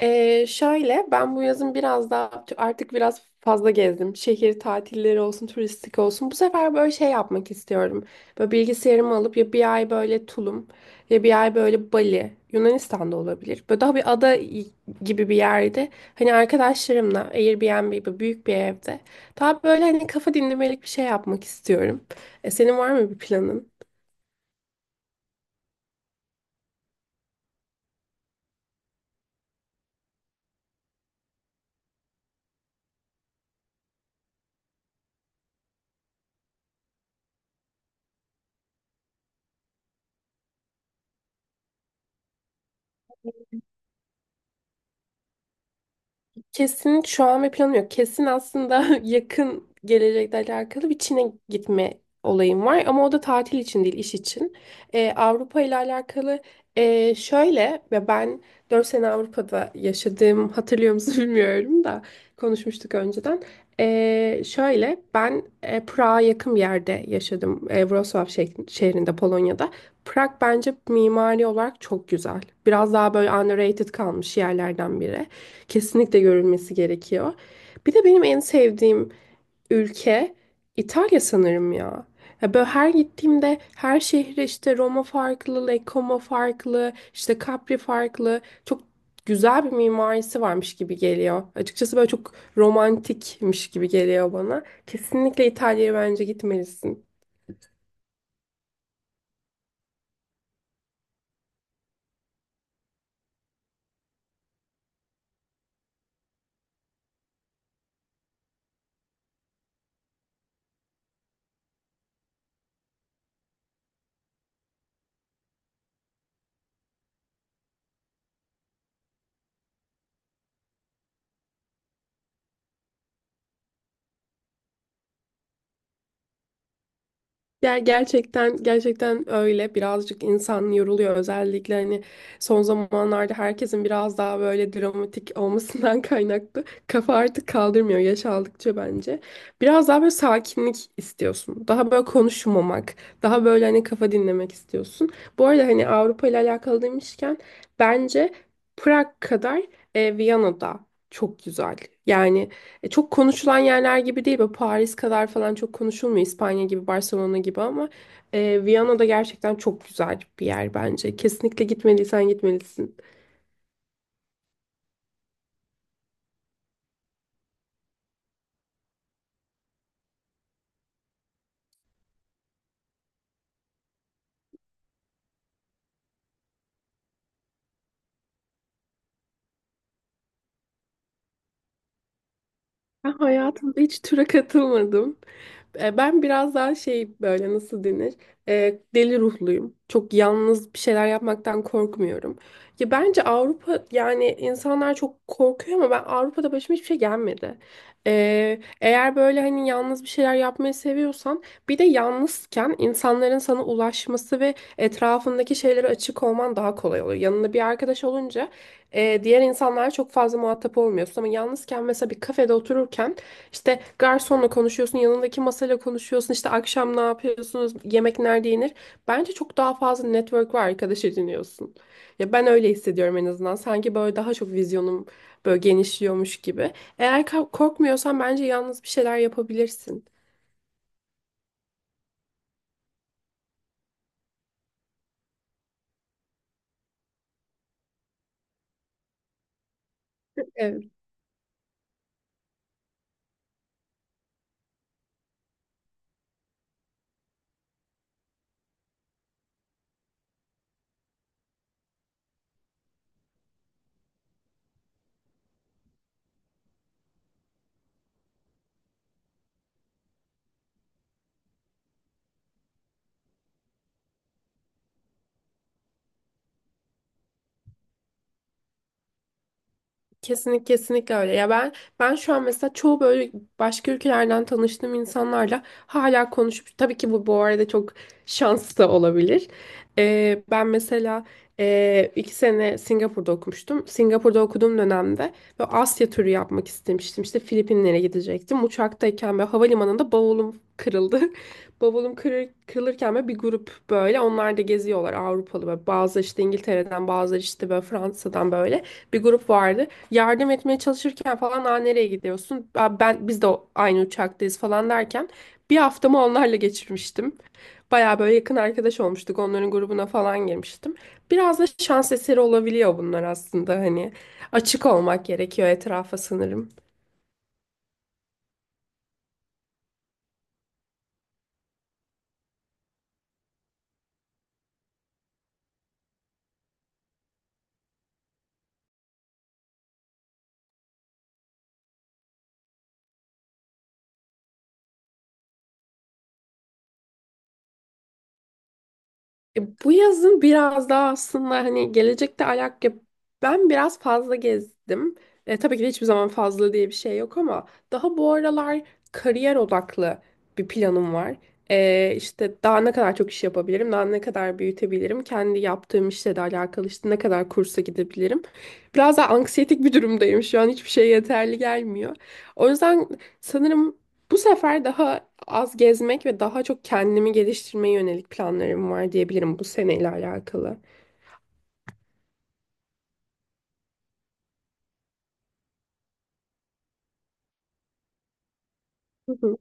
Şöyle ben bu yazın biraz daha artık biraz fazla gezdim. Şehir tatilleri olsun, turistik olsun. Bu sefer böyle şey yapmak istiyorum. Böyle bilgisayarımı alıp ya bir ay böyle Tulum ya bir ay böyle Bali, Yunanistan'da olabilir. Böyle daha bir ada gibi bir yerde. Hani arkadaşlarımla Airbnb gibi büyük bir evde. Daha böyle hani kafa dinlemelik bir şey yapmak istiyorum. Senin var mı bir planın? Kesin şu an bir planım yok. Kesin aslında yakın gelecekle alakalı bir Çin'e gitme olayım var. Ama o da tatil için değil, iş için. Avrupa ile alakalı şöyle ve ben 4 sene Avrupa'da yaşadığım hatırlıyor musun? Bilmiyorum da konuşmuştuk önceden. Şöyle ben Prag'a yakın bir yerde yaşadım. Wrocław şehrinde, Polonya'da. Prag bence mimari olarak çok güzel. Biraz daha böyle underrated kalmış yerlerden biri. Kesinlikle görülmesi gerekiyor. Bir de benim en sevdiğim ülke İtalya sanırım ya. Ya böyle her gittiğimde her şehre işte Roma farklı, Lake farklı, işte Capri farklı. Çok güzel bir mimarisi varmış gibi geliyor. Açıkçası böyle çok romantikmiş gibi geliyor bana. Kesinlikle İtalya'ya bence gitmelisin. Gerçekten öyle, birazcık insan yoruluyor, özellikle hani son zamanlarda herkesin biraz daha böyle dramatik olmasından kaynaklı, kafa artık kaldırmıyor yaş aldıkça bence. Biraz daha böyle sakinlik istiyorsun. Daha böyle konuşmamak, daha böyle hani kafa dinlemek istiyorsun. Bu arada hani Avrupa ile alakalı demişken bence Prag kadar Viyana'da çok güzel. Yani çok konuşulan yerler gibi değil. Böyle Paris kadar falan çok konuşulmuyor. İspanya gibi, Barcelona gibi ama Viyana'da gerçekten çok güzel bir yer bence. Kesinlikle gitmediysen gitmelisin. Ben hayatımda hiç tura katılmadım. Ben biraz daha şey, böyle nasıl denir? Deli ruhluyum. Çok yalnız bir şeyler yapmaktan korkmuyorum. Ya bence Avrupa, yani insanlar çok korkuyor ama ben Avrupa'da başıma hiçbir şey gelmedi. Eğer böyle hani yalnız bir şeyler yapmayı seviyorsan, bir de yalnızken insanların sana ulaşması ve etrafındaki şeylere açık olman daha kolay oluyor. Yanında bir arkadaş olunca diğer insanlara çok fazla muhatap olmuyorsun ama yalnızken, mesela bir kafede otururken, işte garsonla konuşuyorsun, yanındaki masayla konuşuyorsun, işte akşam ne yapıyorsunuz, yemek nerede yenir. Bence çok daha fazla network ve arkadaş ediniyorsun. Ya ben öyle hissediyorum en azından. Sanki böyle daha çok vizyonum böyle genişliyormuş gibi. Eğer korkmuyorsan bence yalnız bir şeyler yapabilirsin. Kesinlikle, kesinlikle öyle. Ya ben şu an mesela çoğu böyle başka ülkelerden tanıştığım insanlarla hala konuşup, tabii ki bu arada çok şans da olabilir. Ben mesela 2 sene Singapur'da okumuştum. Singapur'da okuduğum dönemde ve Asya turu yapmak istemiştim. İşte Filipinlere gidecektim. Uçaktayken ve havalimanında bavulum kırıldı. Bavulum kırılırken böyle bir grup, böyle onlar da geziyorlar, Avrupalı, ve bazı işte İngiltere'den, bazıları işte böyle Fransa'dan, böyle bir grup vardı, yardım etmeye çalışırken falan, aa, nereye gidiyorsun? Aa, biz de aynı uçaktayız falan derken bir haftamı onlarla geçirmiştim. Baya böyle yakın arkadaş olmuştuk. Onların grubuna falan girmiştim. Biraz da şans eseri olabiliyor bunlar aslında hani. Açık olmak gerekiyor etrafa sanırım. Bu yazın biraz daha, aslında hani gelecekte ben biraz fazla gezdim. Tabii ki de hiçbir zaman fazla diye bir şey yok ama daha bu aralar kariyer odaklı bir planım var. İşte daha ne kadar çok iş yapabilirim, daha ne kadar büyütebilirim, kendi yaptığım işle de alakalı işte ne kadar kursa gidebilirim. Biraz daha anksiyetik bir durumdayım şu an, hiçbir şey yeterli gelmiyor. O yüzden sanırım bu sefer daha az gezmek ve daha çok kendimi geliştirmeye yönelik planlarım var diyebilirim bu seneyle alakalı. Hı hı.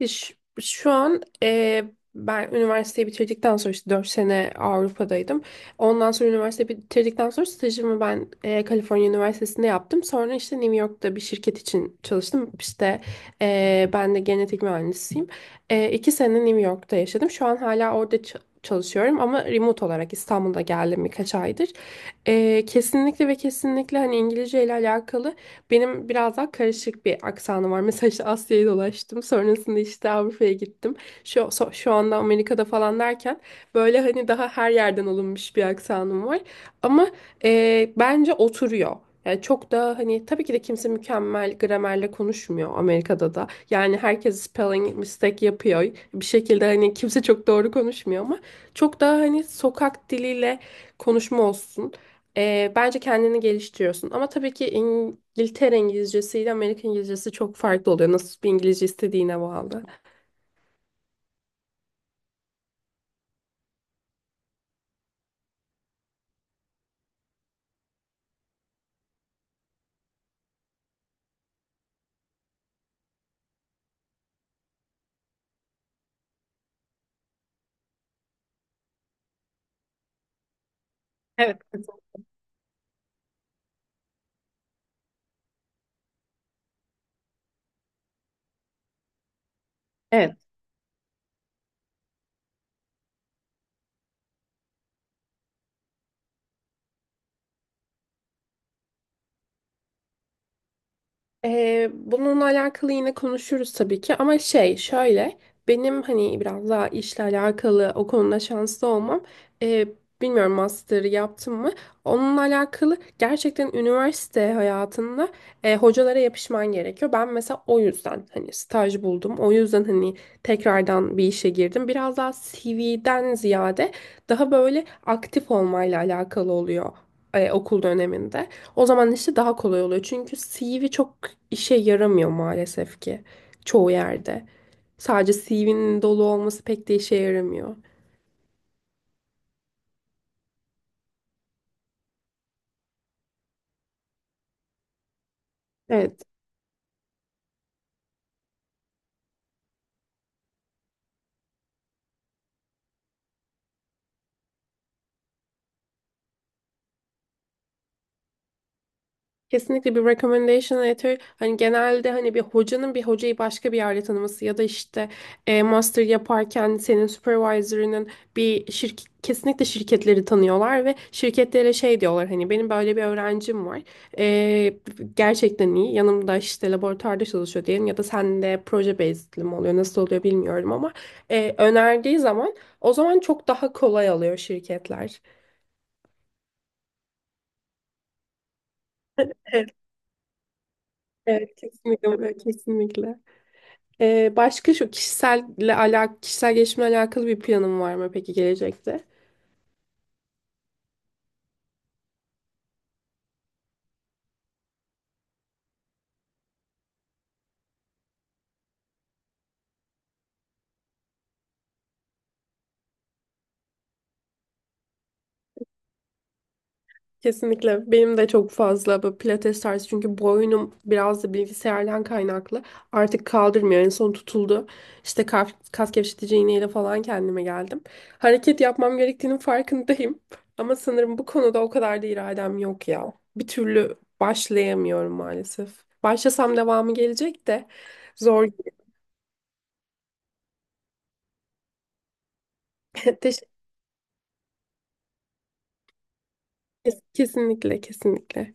Ya şu an ben üniversiteyi bitirdikten sonra işte 4 sene Avrupa'daydım. Ondan sonra üniversite bitirdikten sonra stajımı ben Kaliforniya Üniversitesi'nde yaptım. Sonra işte New York'ta bir şirket için çalıştım. İşte ben de genetik mühendisiyim. 2 sene New York'ta yaşadım. Şu an hala orada çalışıyorum ama remote olarak İstanbul'da geldim birkaç aydır. Kesinlikle ve kesinlikle hani İngilizce ile alakalı. Benim biraz daha karışık bir aksanım var. Mesela işte Asya'yı dolaştım. Sonrasında işte Avrupa'ya gittim. Şu anda Amerika'da falan derken böyle hani daha her yerden alınmış bir aksanım var. Ama bence oturuyor. Yani çok da hani, tabii ki de kimse mükemmel gramerle konuşmuyor Amerika'da da. Yani herkes spelling mistake yapıyor. Bir şekilde hani kimse çok doğru konuşmuyor ama çok daha hani sokak diliyle konuşma olsun. Bence kendini geliştiriyorsun. Ama tabii ki İngiltere İngilizcesi ile Amerika İngilizcesi çok farklı oluyor. Nasıl bir İngilizce istediğine bağlı. Evet. Evet. Bununla alakalı yine konuşuruz tabii ki ama şey şöyle, benim hani biraz daha işle alakalı o konuda şanslı olmam, ee, bilmiyorum master'ı yaptım mı, onunla alakalı gerçekten üniversite hayatında hocalara yapışman gerekiyor. Ben mesela o yüzden hani staj buldum, o yüzden hani tekrardan bir işe girdim, biraz daha CV'den ziyade daha böyle aktif olmayla alakalı oluyor okul döneminde. O zaman işte daha kolay oluyor. Çünkü CV çok işe yaramıyor maalesef ki çoğu yerde. Sadece CV'nin dolu olması pek de işe yaramıyor. Evet. Kesinlikle bir recommendation letter, hani genelde hani bir hocanın bir hocayı başka bir yerde tanıması, ya da işte master yaparken senin supervisor'ının bir şirket, kesinlikle şirketleri tanıyorlar ve şirketlere şey diyorlar, hani benim böyle bir öğrencim var. E, Gerçekten iyi, yanımda işte laboratuvarda çalışıyor diyelim, ya da sen de proje bazed'li mi oluyor nasıl oluyor bilmiyorum ama önerdiği zaman o zaman çok daha kolay alıyor şirketler. Evet, evet, kesinlikle, kesinlikle. Başka, şu kişisel gelişimle alakalı bir planın var mı peki gelecekte? Kesinlikle. Benim de çok fazla bu pilates tarzı, çünkü boynum biraz da bilgisayardan kaynaklı. Artık kaldırmıyor. En son tutuldu. İşte kas gevşetici iğneyle falan kendime geldim. Hareket yapmam gerektiğinin farkındayım. Ama sanırım bu konuda o kadar da iradem yok ya. Bir türlü başlayamıyorum maalesef. Başlasam devamı gelecek de zor. Teş- Kesinlikle, kesinlikle.